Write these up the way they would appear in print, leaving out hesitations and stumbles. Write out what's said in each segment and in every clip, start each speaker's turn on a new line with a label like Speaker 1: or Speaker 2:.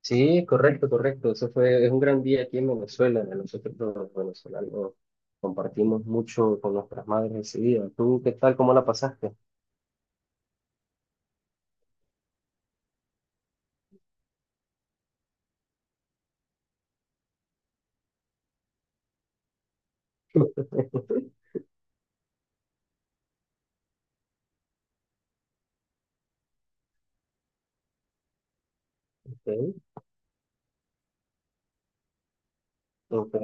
Speaker 1: Sí, correcto, correcto. Eso fue, es un gran día aquí en Venezuela. Nosotros los venezolanos compartimos mucho con nuestras madres ese día. ¿Tú qué tal? ¿Cómo la pasaste? Ok, ok,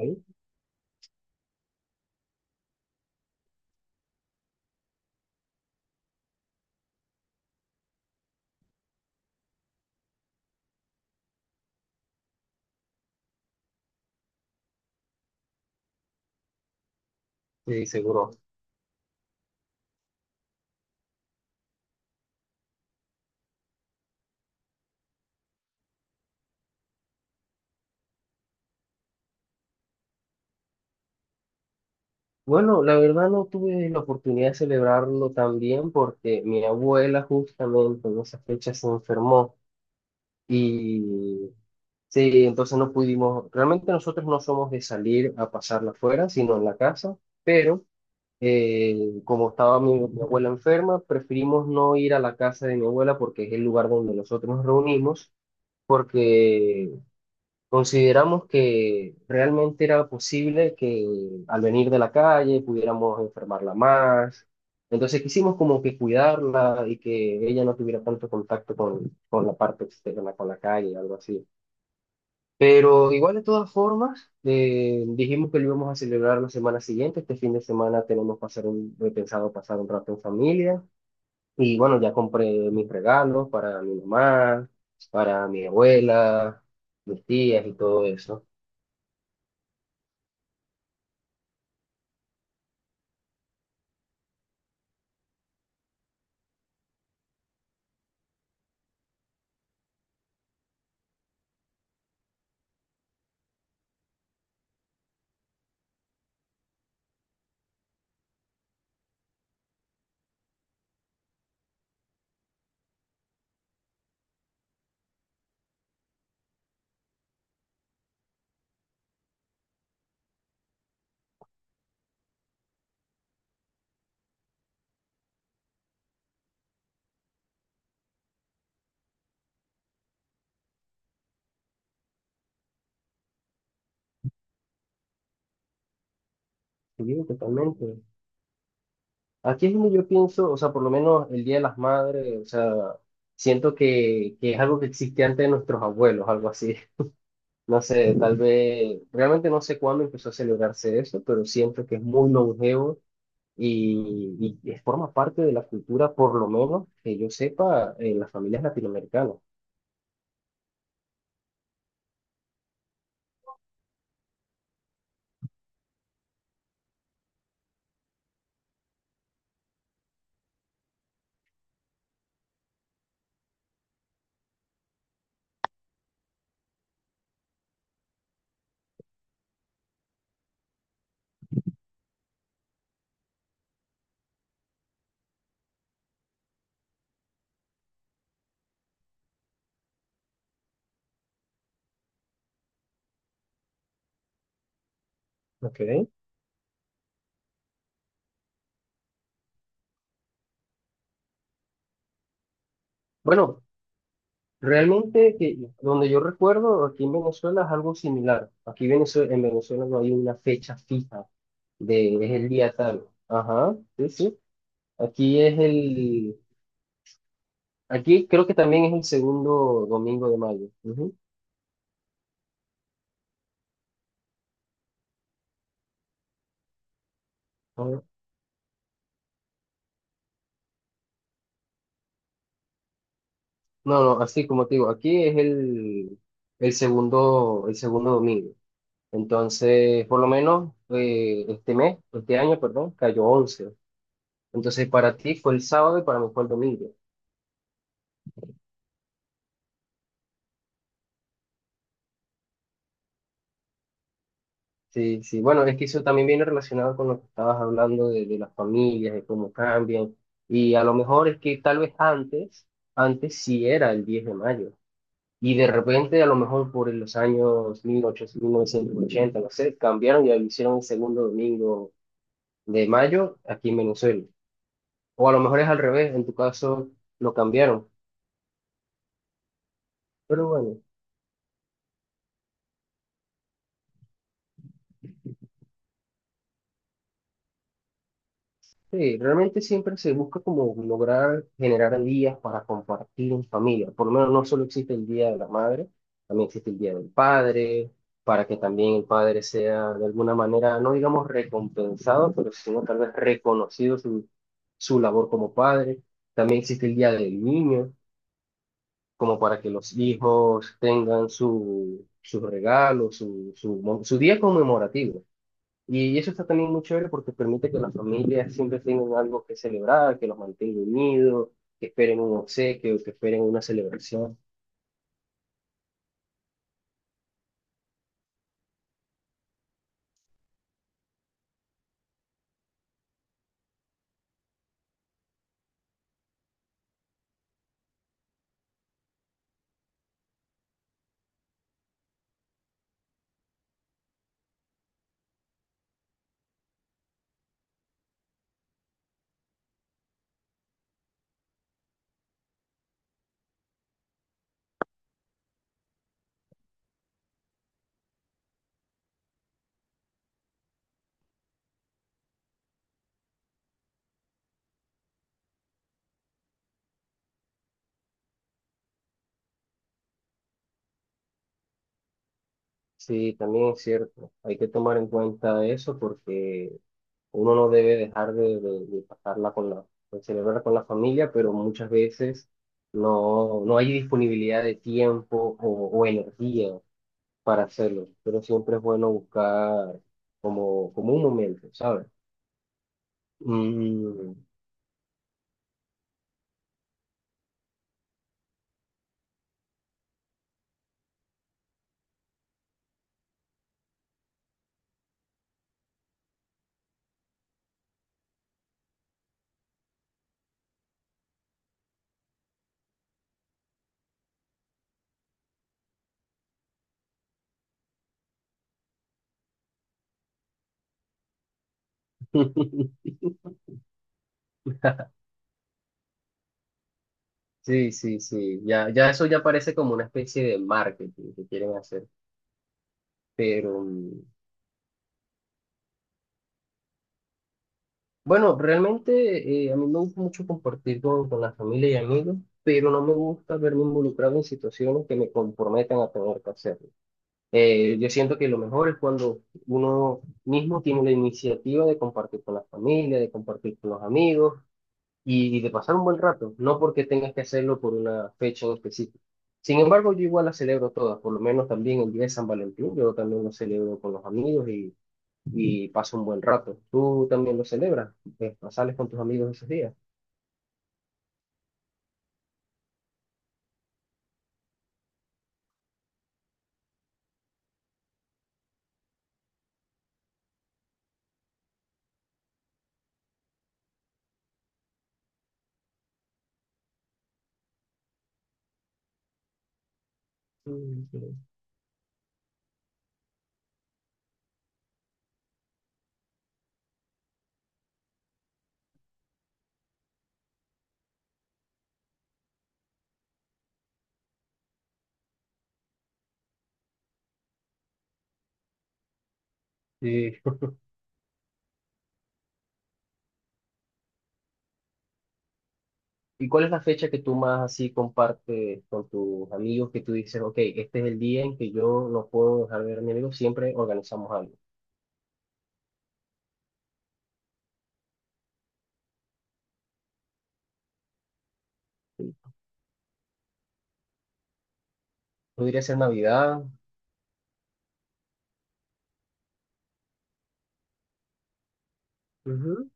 Speaker 1: sí, seguro. Bueno, la verdad no tuve la oportunidad de celebrarlo también porque mi abuela justamente en esa fecha se enfermó y sí, entonces no pudimos, realmente nosotros no somos de salir a pasarla afuera, sino en la casa, pero como estaba mi abuela enferma, preferimos no ir a la casa de mi abuela porque es el lugar donde nosotros nos reunimos, porque consideramos que realmente era posible que al venir de la calle pudiéramos enfermarla más. Entonces quisimos como que cuidarla y que ella no tuviera tanto contacto con la parte externa, con la calle, algo así. Pero igual de todas formas, dijimos que lo íbamos a celebrar la semana siguiente. Este fin de semana tenemos pasar un, he pensado pasar un rato en familia. Y bueno, ya compré mis regalos para mi mamá, para mi abuela, mis tías y todo eso. Y digo totalmente. Aquí es donde yo pienso, o sea, por lo menos el Día de las Madres, o sea, siento que es algo que existía antes de nuestros abuelos, algo así. No sé, tal vez, realmente no sé cuándo empezó a celebrarse eso, pero siento que es muy longevo y forma parte de la cultura, por lo menos que yo sepa, en las familias latinoamericanas. ¿Ok? Bueno, realmente que donde yo recuerdo, aquí en Venezuela es algo similar. Aquí Venezue- en Venezuela no hay una fecha fija de es el día tal. Ajá, sí, sí. Aquí es el, aquí creo que también es el segundo domingo de mayo. Ujú. Ajá. No, no, así como te digo, aquí es el segundo domingo. Entonces, por lo menos este mes, este año, perdón, cayó 11. Entonces, para ti fue el sábado y para mí fue el domingo. Sí, sí, bueno, es que eso también viene relacionado con lo que estabas hablando de las familias, de cómo cambian. Y a lo mejor es que tal vez antes, antes sí era el 10 de mayo. Y de repente, a lo mejor por los años 1800, 1980 no sé, cambiaron y lo hicieron el segundo domingo de mayo aquí en Venezuela. O a lo mejor es al revés, en tu caso lo cambiaron. Pero bueno, sí, realmente siempre se busca como lograr generar días para compartir en familia. Por lo menos no solo existe el Día de la Madre, también existe el Día del Padre, para que también el padre sea de alguna manera, no digamos recompensado, pero sino tal vez reconocido su, su labor como padre. También existe el Día del Niño, como para que los hijos tengan su, su regalo, su, mo- su día conmemorativo. Y eso está también muy chévere porque permite que las familias siempre tengan algo que celebrar, que los mantenga unidos, que esperen un obsequio, que esperen una celebración. Sí, también es cierto. Hay que tomar en cuenta eso porque uno no debe dejar de pasarla con la, de celebrar con la familia, pero muchas veces no, no hay disponibilidad de tiempo o energía para hacerlo. Pero siempre es bueno buscar como, como un momento, ¿sabes? Mm. Sí, sí, sí. Ya, ya eso ya parece como una especie de marketing que quieren hacer. Pero mm, bueno, realmente a mí me gusta mucho compartir con la familia y amigos, pero no me gusta verme involucrado en situaciones que me comprometan a tener que hacerlo. Yo siento que lo mejor es cuando uno mismo tiene la iniciativa de compartir con la familia, de compartir con los amigos y de pasar un buen rato, no porque tengas que hacerlo por una fecha en específico. Sin embargo, yo igual las celebro todas, por lo menos también el día de San Valentín, yo también lo celebro con los amigos y paso un buen rato. ¿Tú también lo celebras? ¿Sales con tus amigos esos días? Mm, sí. ¿Y cuál es la fecha que tú más así compartes con tus amigos que tú dices, ok, este es el día en que yo no puedo dejar de ver a mi amigo, siempre organizamos algo? ¿Podría ser Navidad? Ujú.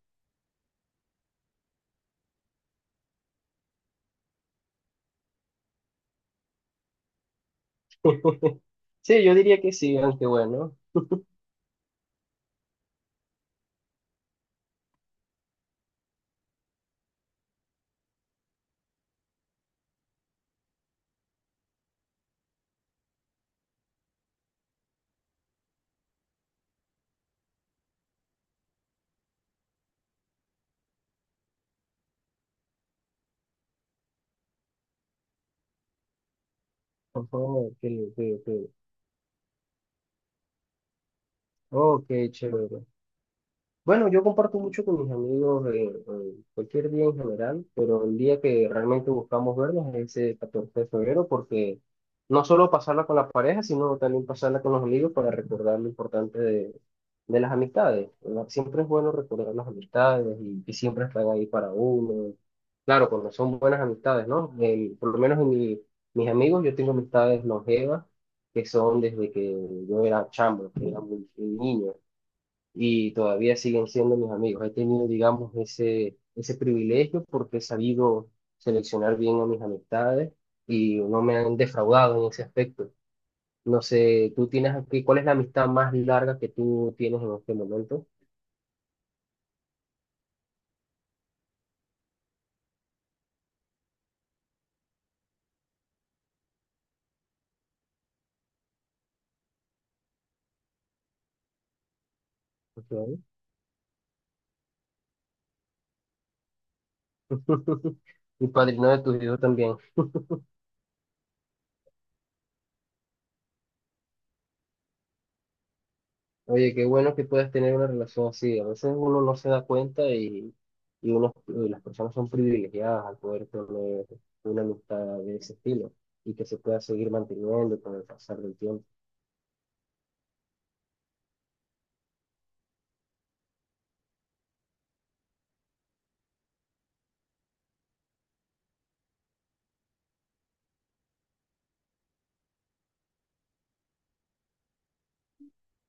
Speaker 1: Sí, yo diría que sí, aunque bueno. Ojo, ok, ok, ok. Ok, chévere. Bueno, yo comparto mucho con mis amigos cualquier día en general, pero el día que realmente buscamos vernos es ese 14 de febrero, porque no solo pasarla con la pareja, sino también pasarla con los amigos para recordar lo importante de las amistades. ¿Verdad? Siempre es bueno recordar las amistades y que siempre están ahí para uno. Claro, cuando son buenas amistades, ¿no? El- por lo menos en mi- mis amigos, yo tengo amistades longevas que son desde que yo era chamo, que era muy, muy niño, y todavía siguen siendo mis amigos. He tenido, digamos, ese privilegio porque he sabido seleccionar bien a mis amistades y no me han defraudado en ese aspecto. No sé, tú tienes aquí, ¿cuál es la amistad más larga que tú tienes en este momento? Ok. Y padrino de tus hijos también. Oye, qué bueno que puedas tener una relación así. A veces uno no se da cuenta y, uno, y las personas son privilegiadas al poder tener una amistad de ese estilo y que se pueda seguir manteniendo con el pasar del tiempo.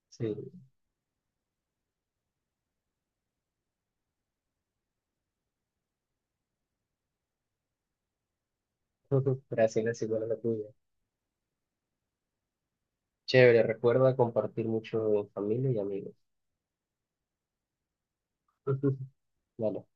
Speaker 1: Sí, gracias, gracias, igual a la tuya. Chévere, recuerda compartir mucho en familia y amigos. Dale.